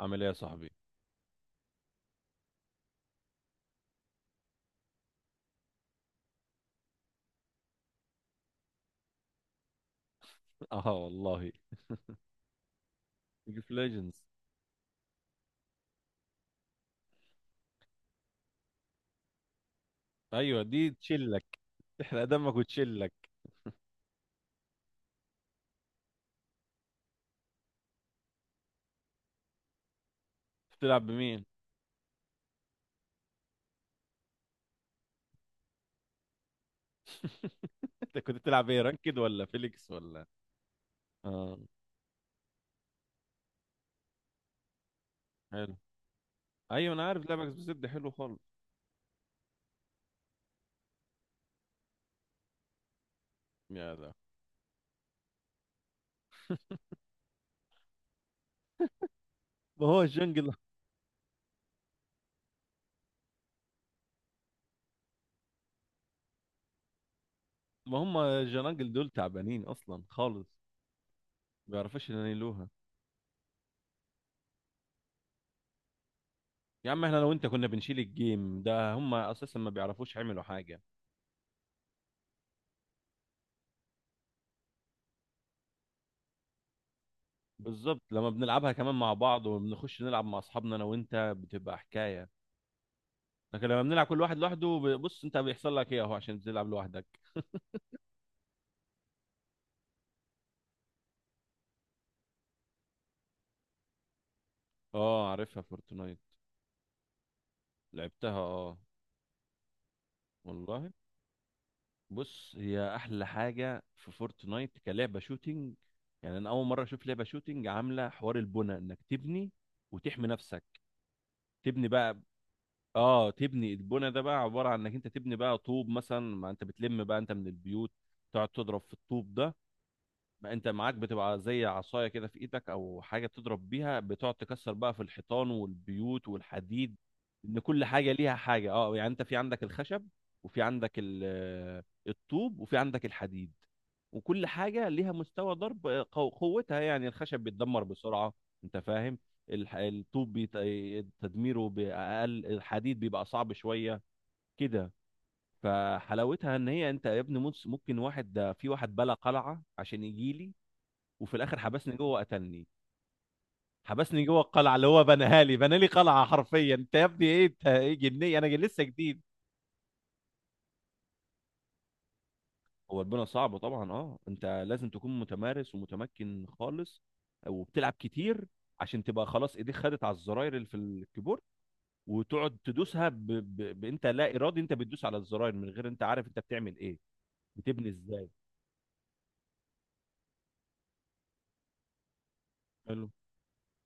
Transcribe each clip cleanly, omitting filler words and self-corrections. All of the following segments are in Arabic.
عامل ايه يا صاحبي؟ اه والله. ليج اوف ليجندز. ايوه، دي تشيلك. تحرق دمك وتشيلك. بتلعب بمين؟ انت كنت بتلعب ايه، رانكد ولا فيليكس ولا؟ اه، حلو. ايوه، انا عارف لعبك بزد حلو خالص. يا ده. ما هو الجنجل؟ ما هم الجنانجل دول تعبانين اصلا خالص. ما بيعرفوش ينيلوها. يا عم، احنا لو انت كنا بنشيل الجيم ده هم اساسا ما بيعرفوش يعملوا حاجه. بالظبط، لما بنلعبها كمان مع بعض وبنخش نلعب مع اصحابنا انا وانت بتبقى حكايه. لكن لما بنلعب كل واحد لوحده، بص انت بيحصل لك ايه اهو عشان بتلعب لوحدك. اه، عارفها فورتنايت. لعبتها اه. والله. بص، هي احلى حاجه في فورتنايت كلعبه شوتينج. يعني انا اول مره اشوف لعبه شوتينج عامله حوار البنى انك تبني وتحمي نفسك. تبني بقى. اه، تبني البنى ده بقى عباره عن انك انت تبني بقى طوب مثلا ما انت بتلم بقى انت من البيوت. تقعد تضرب في الطوب ده. ما انت معاك بتبقى زي عصايه كده في ايدك او حاجه بتضرب بيها بتقعد تكسر بقى في الحيطان والبيوت والحديد. ان كل حاجه ليها حاجه، اه يعني انت في عندك الخشب وفي عندك الطوب وفي عندك الحديد. وكل حاجه ليها مستوى ضرب قوتها، يعني الخشب بيتدمر بسرعه. انت فاهم. الطوب تدميره باقل، الحديد بيبقى صعب شويه. كده. فحلاوتها ان هي انت يا ابني ممكن واحد ده في واحد بلا قلعه عشان يجيلي، وفي الاخر حبسني جوه وقتلني. حبسني جوه القلعه اللي هو بناها لي، بنى لي قلعه حرفيا، انت يا ابني ايه؟ انت ايه جنيه؟ انا لسه جديد. هو البناء صعب طبعا، اه انت لازم تكون متمارس ومتمكن خالص وبتلعب كتير. عشان تبقى خلاص ايديك خدت على الزراير اللي في الكيبورد وتقعد تدوسها انت لا ارادي، انت بتدوس على الزراير من غير انت عارف انت بتعمل ايه. بتبني ازاي؟ حلو.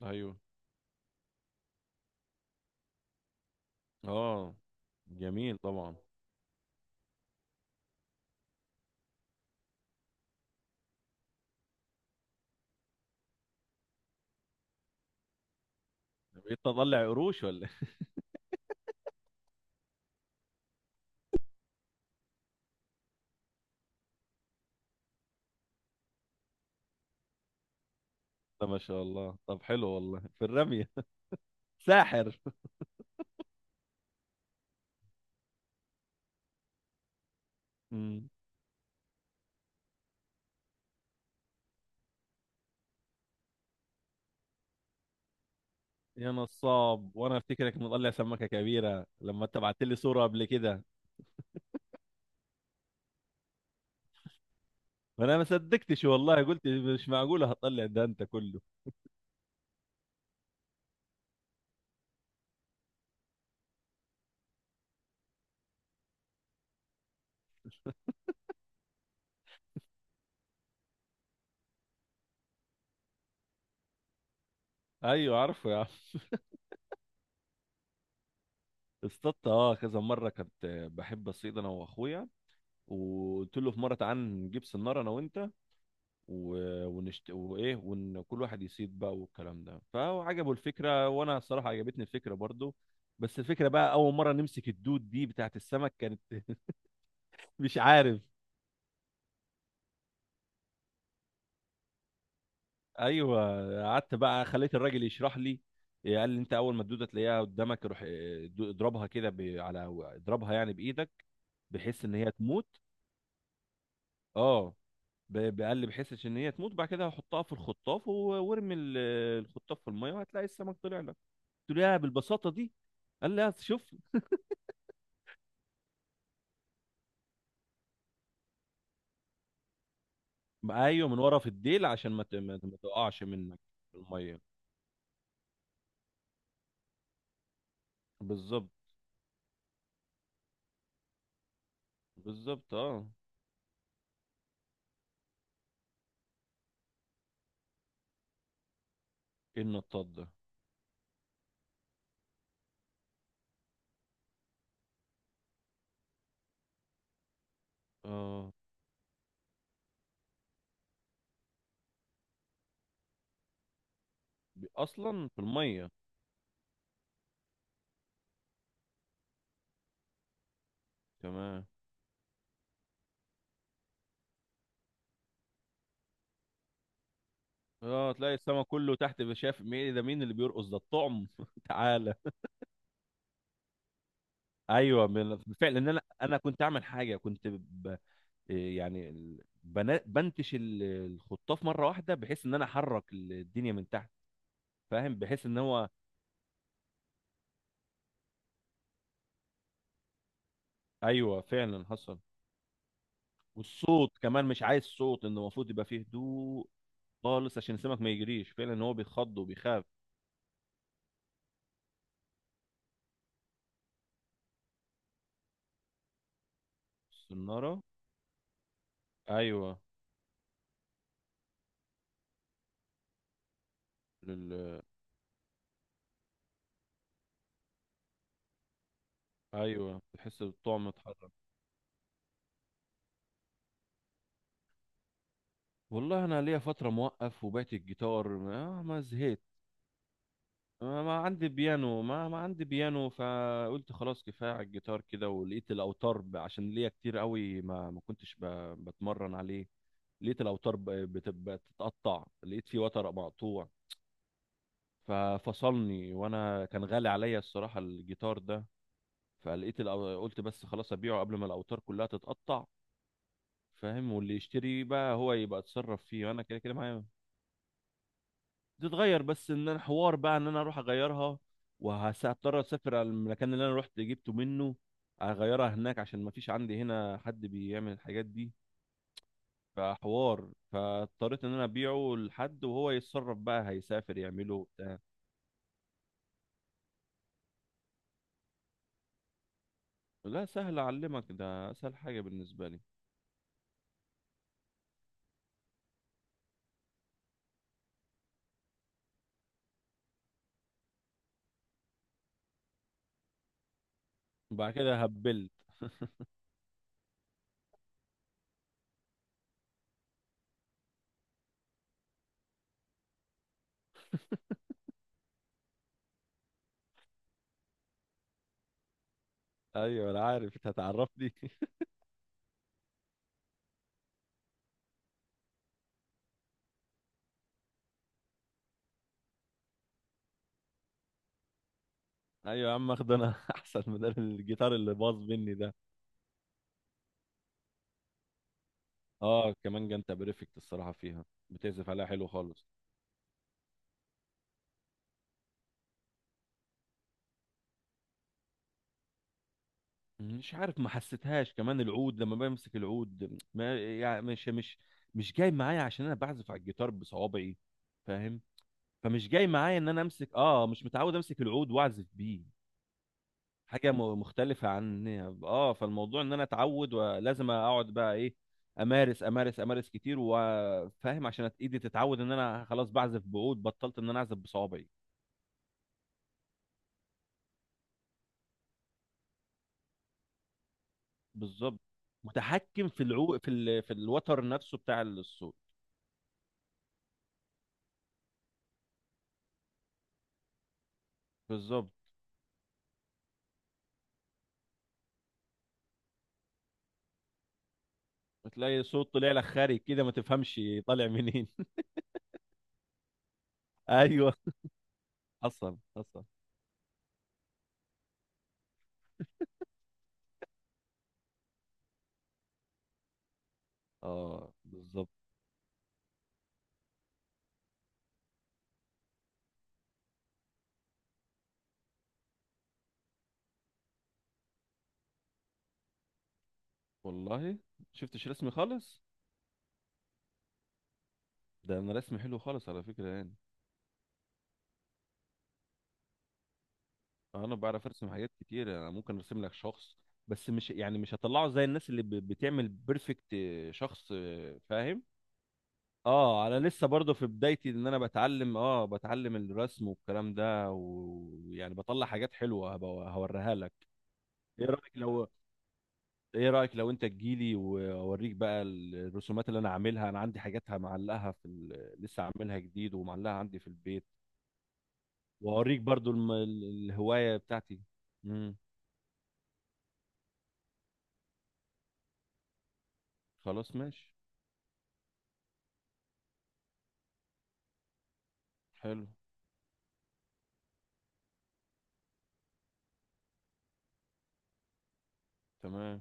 ايوه. اه، جميل طبعا. بقيت تطلع قروش ولا إيه؟ طب ما شاء الله، طب حلو والله في الرمي. ساحر. مم. يا نصاب، وانا افتكرك مطلع سمكه كبيره لما انت بعت لي صوره قبل كده. فانا ما صدقتش والله، قلت مش معقوله هتطلع ده انت كله. ايوه، عارفه يا عم. اصطدت اه كذا مره كنت بحب اصيد انا واخويا. وقلت له في مره تعال نجيب سناره انا وانت و... وايه، وان كل واحد يصيد بقى والكلام ده، فهو عجبه الفكره وانا الصراحه عجبتني الفكره برضو. بس الفكره بقى، اول مره نمسك الدود دي بتاعت السمك كانت مش عارف. ايوه، قعدت بقى خليت الراجل يشرح لي. قال لي انت اول ما الدوده تلاقيها قدامك روح اضربها كده على، اضربها يعني بايدك، بحيث ان هي تموت. اه قال لي بحيث ان هي تموت، بعد كده هحطها في الخطاف وارمي الخطاف في الميه وهتلاقي السمك طلع لك. قلت له يا بالبساطه دي؟ قال لي شوف. ايوه، من ورا في الديل عشان ما تقعش منك في الميه. بالظبط. بالظبط اه. ايه النطاط ده؟ اه، اصلا في الميه. تمام. اه، تلاقي السما كله تحت شايف مين ده، مين اللي بيرقص ده الطعم؟ تعالى. ايوه، بالفعل ان انا كنت اعمل حاجه، كنت إيه يعني بنتش الخطاف مره واحده بحيث ان انا احرك الدنيا من تحت. فاهم بحيث ان هو ايوه فعلا حصل. والصوت كمان مش عايز صوت، انه المفروض يبقى فيه هدوء خالص عشان السمك ما يجريش، فعلا ان هو بيخض وبيخاف. السناره. ايوه. لل... ايوه، تحس بالطعم اتحرك. والله انا ليا فتره موقف وبعت الجيتار، ما زهقت. ما عندي بيانو، ما عندي بيانو، فقلت خلاص كفايه على الجيتار كده، ولقيت الاوتار عشان ليا كتير قوي ما كنتش بتمرن عليه. لقيت الاوتار بتتقطع، لقيت فيه وتر مقطوع ففصلني، وانا كان غالي عليا الصراحه الجيتار ده. قلت بس خلاص ابيعه قبل ما الاوتار كلها تتقطع. فاهم، واللي يشتري بقى هو يبقى اتصرف فيه وانا كده كده معايا. تتغير بس ان انا حوار بقى ان انا اروح اغيرها، وهضطر اسافر على المكان اللي انا رحت جبته منه. اغيرها هناك عشان ما فيش عندي هنا حد بيعمل الحاجات دي. فحوار، فاضطريت ان انا ابيعه لحد وهو يتصرف بقى هيسافر يعمله وبتاع. لا، سهل اعلمك ده، اسهل حاجه بالنسبه لي. وبعد كده هبلت. ايوه انا عارف، انت هتعرفني. ايوه يا عم، اخد انا. احسن مدار الجيتار اللي باظ مني ده. اه، كمان جنت بريفكت الصراحه فيها، بتعزف عليها حلو خالص. مش عارف، ما حسيتهاش كمان العود، لما بمسك العود ما، يعني مش جاي معايا عشان انا بعزف على الجيتار بصوابعي. فاهم. فمش جاي معايا ان انا امسك، مش متعود امسك العود واعزف بيه. حاجه مختلفه عن. اه، فالموضوع ان انا اتعود ولازم اقعد بقى ايه، امارس امارس امارس كتير وفاهم عشان ايدي تتعود ان انا خلاص بعزف بعود بطلت ان انا اعزف بصوابعي. بالظبط. متحكم في العو في ال... في الوتر نفسه بتاع الصوت. بالظبط. وتلاقي صوت طلع لك خارج كده ما تفهمش طالع منين؟ ايوه حصل حصل. اه بالظبط. والله شفتش رسمي خالص. ده انا رسمي حلو خالص على فكره يعني. انا بعرف ارسم حاجات كتير، انا ممكن ارسم لك شخص، بس مش يعني مش هطلعه زي الناس اللي بتعمل بيرفكت شخص، فاهم. اه، انا لسه برضه في بدايتي ان انا بتعلم، بتعلم الرسم والكلام ده ويعني بطلع حاجات حلوه هوريها لك. ايه رايك لو... ايه رأيك لو انت تجيلي واوريك بقى الرسومات اللي انا عاملها؟ انا عندي حاجاتها معلقها لسه عاملها جديد ومعلقها عندي في البيت، واوريك برضو الهواية بتاعتي. امم. خلاص ماشي. حلو. تمام.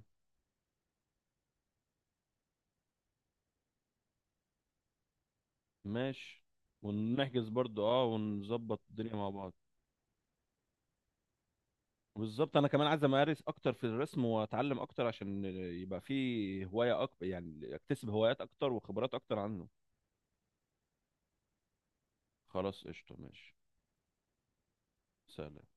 ماشي، ونحجز برضو ونظبط الدنيا مع بعض. بالظبط، انا كمان عايز امارس اكتر في الرسم واتعلم اكتر عشان يبقى في هواية اكتر، يعني اكتسب هوايات اكتر وخبرات اكتر عنه. خلاص، قشطة ماشي. سلام.